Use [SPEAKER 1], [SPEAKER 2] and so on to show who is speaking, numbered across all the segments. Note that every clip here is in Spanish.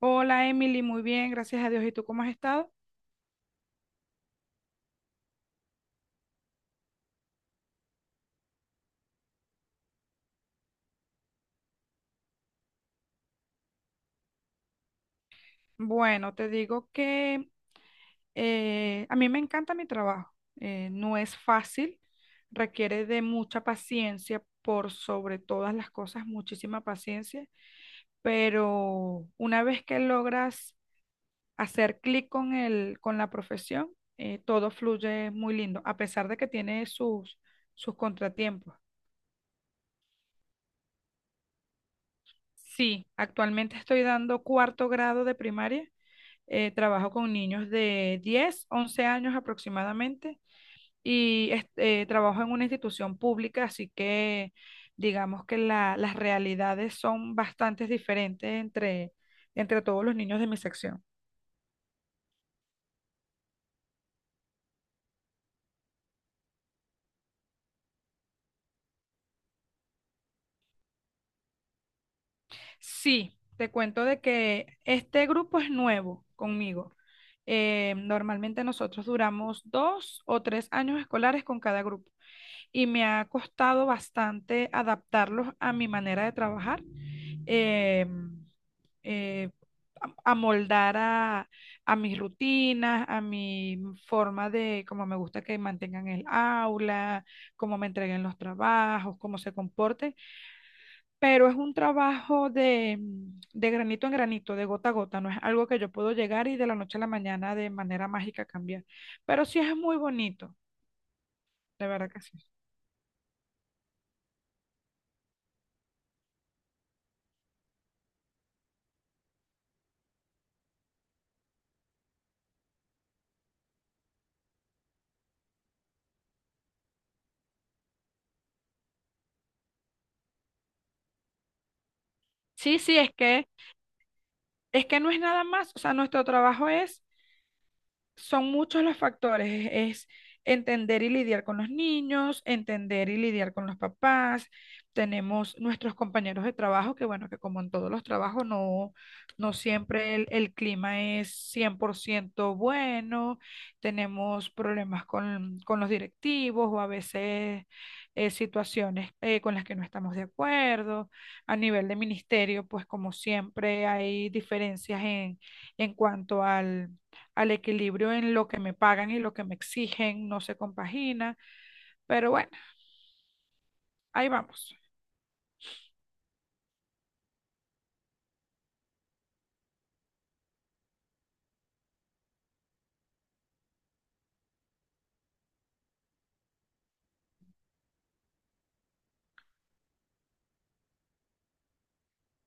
[SPEAKER 1] Hola Emily, muy bien, gracias a Dios. ¿Y tú cómo has estado? Bueno, te digo que a mí me encanta mi trabajo. No es fácil, requiere de mucha paciencia, por sobre todas las cosas, muchísima paciencia, pero una vez que logras hacer clic con con la profesión, todo fluye muy lindo, a pesar de que tiene sus contratiempos. Sí, actualmente estoy dando cuarto grado de primaria. Trabajo con niños de 10, 11 años aproximadamente, y este, trabajo en una institución pública, así que digamos que las realidades son bastante diferentes entre todos los niños de mi sección. Sí, te cuento de que este grupo es nuevo conmigo. Normalmente nosotros duramos 2 o 3 años escolares con cada grupo. Y me ha costado bastante adaptarlos a mi manera de trabajar, eh, eh, amoldar a mis rutinas, a mi forma de cómo me gusta que mantengan el aula, cómo me entreguen los trabajos, cómo se comporten, pero es un trabajo de granito en granito, de gota a gota. No es algo que yo puedo llegar y de la noche a la mañana de manera mágica cambiar, pero sí es muy bonito, de verdad que sí. Sí, sí, es que no es nada más, o sea, nuestro trabajo es son muchos los factores. Es entender y lidiar con los niños, entender y lidiar con los papás. Tenemos nuestros compañeros de trabajo, que bueno, que como en todos los trabajos, no, no siempre el clima es 100% bueno. Tenemos problemas con los directivos o a veces situaciones con las que no estamos de acuerdo. A nivel de ministerio, pues como siempre hay diferencias en cuanto al equilibrio en lo que me pagan y lo que me exigen, no se compagina, pero bueno, ahí vamos.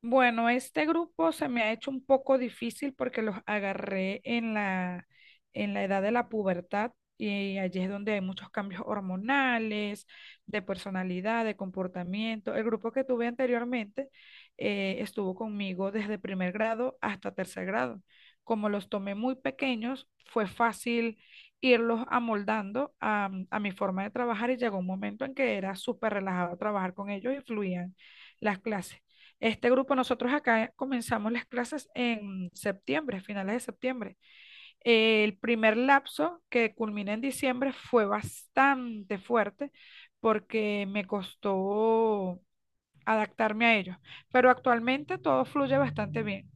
[SPEAKER 1] Bueno, este grupo se me ha hecho un poco difícil porque los agarré en la edad de la pubertad, y allí es donde hay muchos cambios hormonales, de personalidad, de comportamiento. El grupo que tuve anteriormente estuvo conmigo desde primer grado hasta tercer grado. Como los tomé muy pequeños, fue fácil irlos amoldando a mi forma de trabajar, y llegó un momento en que era súper relajado trabajar con ellos y fluían las clases. Este grupo, nosotros acá comenzamos las clases en septiembre, finales de septiembre. El primer lapso que culmina en diciembre fue bastante fuerte porque me costó adaptarme a ellos, pero actualmente todo fluye bastante bien.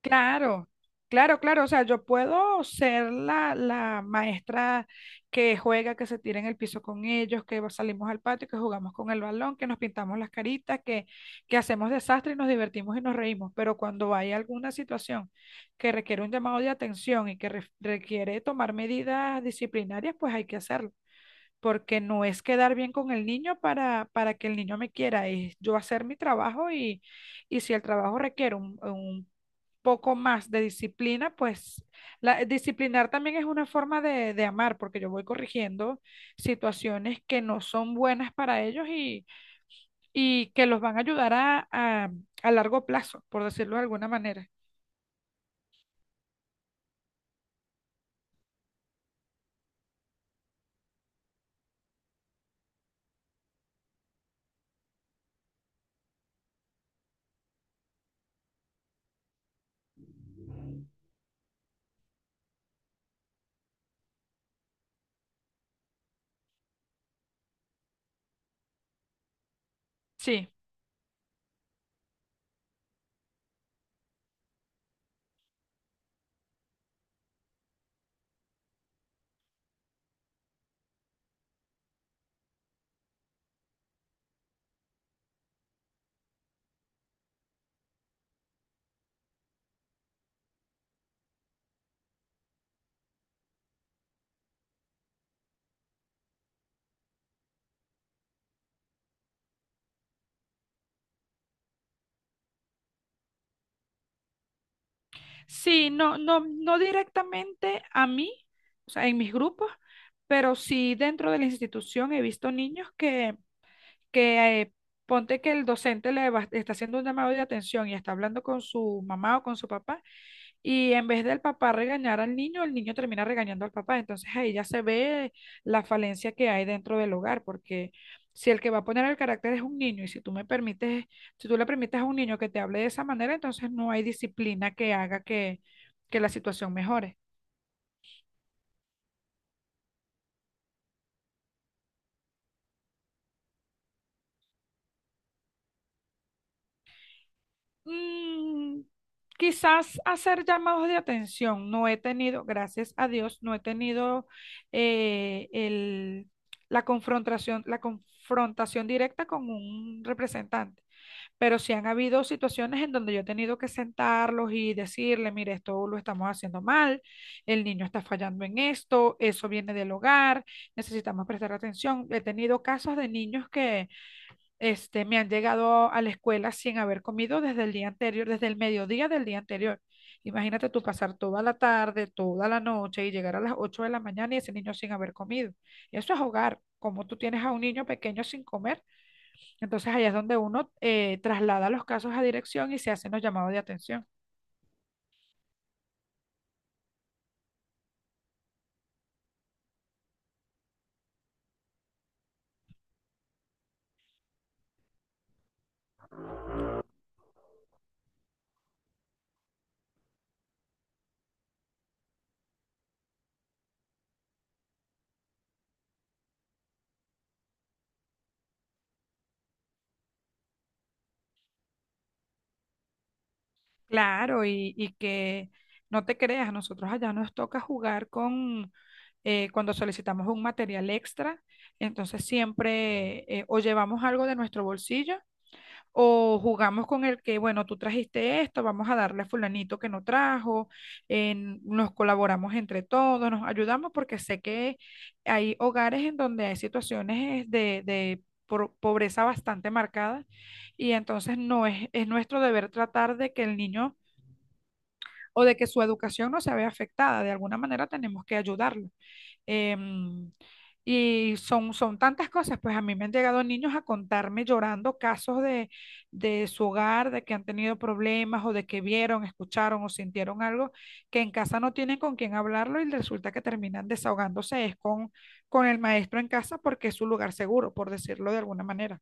[SPEAKER 1] Claro, claro, claro. O sea, yo puedo ser la maestra que juega, que se tira en el piso con ellos, que salimos al patio, que jugamos con el balón, que nos pintamos las caritas, que hacemos desastre y nos divertimos y nos reímos. Pero cuando hay alguna situación que requiere un llamado de atención y que requiere tomar medidas disciplinarias, pues hay que hacerlo. Porque no es quedar bien con el niño para que el niño me quiera, es yo hacer mi trabajo y si el trabajo requiere un poco más de disciplina, pues disciplinar también es una forma de amar, porque yo voy corrigiendo situaciones que no son buenas para ellos y que los van a ayudar a largo plazo, por decirlo de alguna manera. Sí, sí, no, no, no directamente a mí, o sea, en mis grupos, pero sí dentro de la institución he visto niños que ponte que el docente está haciendo un llamado de atención y está hablando con su mamá o con su papá. Y en vez del papá regañar al niño, el niño termina regañando al papá. Entonces ahí ya se ve la falencia que hay dentro del hogar, porque si el que va a poner el carácter es un niño, y si tú me permites, si tú le permites a un niño que te hable de esa manera, entonces no hay disciplina que haga que la situación mejore. Mm, Quizás hacer llamados de atención. No he tenido, gracias a Dios, no he tenido eh, el, la confrontación directa con un representante. Pero sí han habido situaciones en donde yo he tenido que sentarlos y decirle, mire, esto lo estamos haciendo mal, el niño está fallando en esto, eso viene del hogar, necesitamos prestar atención. He tenido casos de niños que este, me han llegado a la escuela sin haber comido desde el día anterior, desde el mediodía del día anterior. Imagínate tú pasar toda la tarde, toda la noche y llegar a las 8 de la mañana y ese niño sin haber comido. Eso es hogar. Como tú tienes a un niño pequeño sin comer? Entonces allá es donde uno traslada los casos a dirección y se hacen los llamados de atención. Claro, y que no te creas, nosotros allá nos toca jugar con, cuando solicitamos un material extra, entonces siempre o llevamos algo de nuestro bolsillo, o jugamos con el que, bueno, tú trajiste esto, vamos a darle a fulanito que no trajo. Nos colaboramos entre todos, nos ayudamos porque sé que hay hogares en donde hay situaciones de pobreza bastante marcada, y entonces no es, es nuestro deber tratar de que el niño, o de que su educación, no se vea afectada. De alguna manera tenemos que ayudarlo. Em, y son tantas cosas. Pues a mí me han llegado niños a contarme llorando casos de su hogar, de que han tenido problemas o de que vieron, escucharon o sintieron algo que en casa no tienen con quién hablarlo, y resulta que terminan desahogándose es con el maestro en casa porque es su lugar seguro, por decirlo de alguna manera.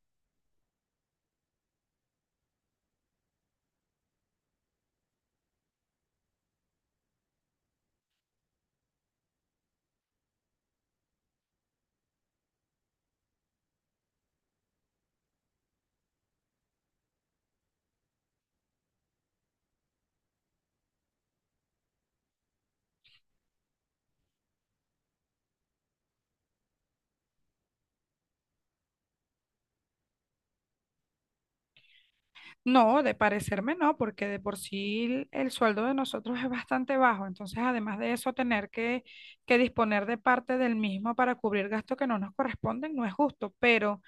[SPEAKER 1] No, de parecerme no, porque de por sí el sueldo de nosotros es bastante bajo. Entonces, además de eso, tener que disponer de parte del mismo para cubrir gastos que no nos corresponden no es justo. Pero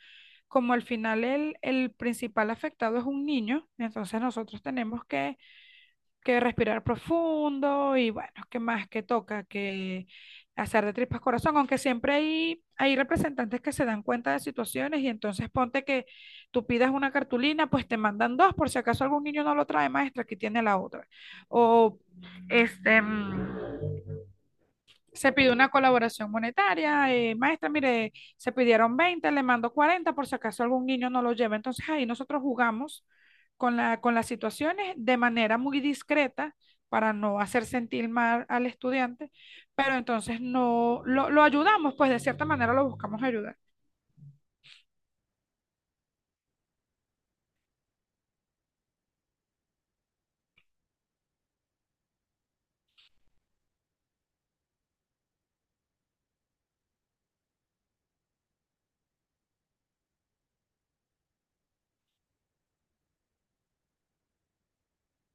[SPEAKER 1] como al final el principal afectado es un niño, entonces nosotros tenemos que respirar profundo y bueno, ¿qué más que toca? Que hacer de tripas corazón, aunque siempre hay representantes que se dan cuenta de situaciones, y entonces ponte que tú pidas una cartulina, pues te mandan dos por si acaso algún niño no lo trae, maestra, aquí tiene la otra. O este, se pidió una colaboración monetaria, maestra, mire, se pidieron 20, le mando 40 por si acaso algún niño no lo lleva. Entonces ahí nosotros jugamos con con las situaciones de manera muy discreta para no hacer sentir mal al estudiante, pero entonces no lo ayudamos, pues de cierta manera lo buscamos ayudar.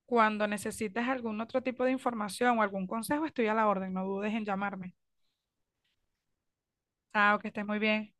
[SPEAKER 1] Cuando necesites algún otro tipo de información o algún consejo, estoy a la orden, no dudes en llamarme. Chao, que estés muy bien.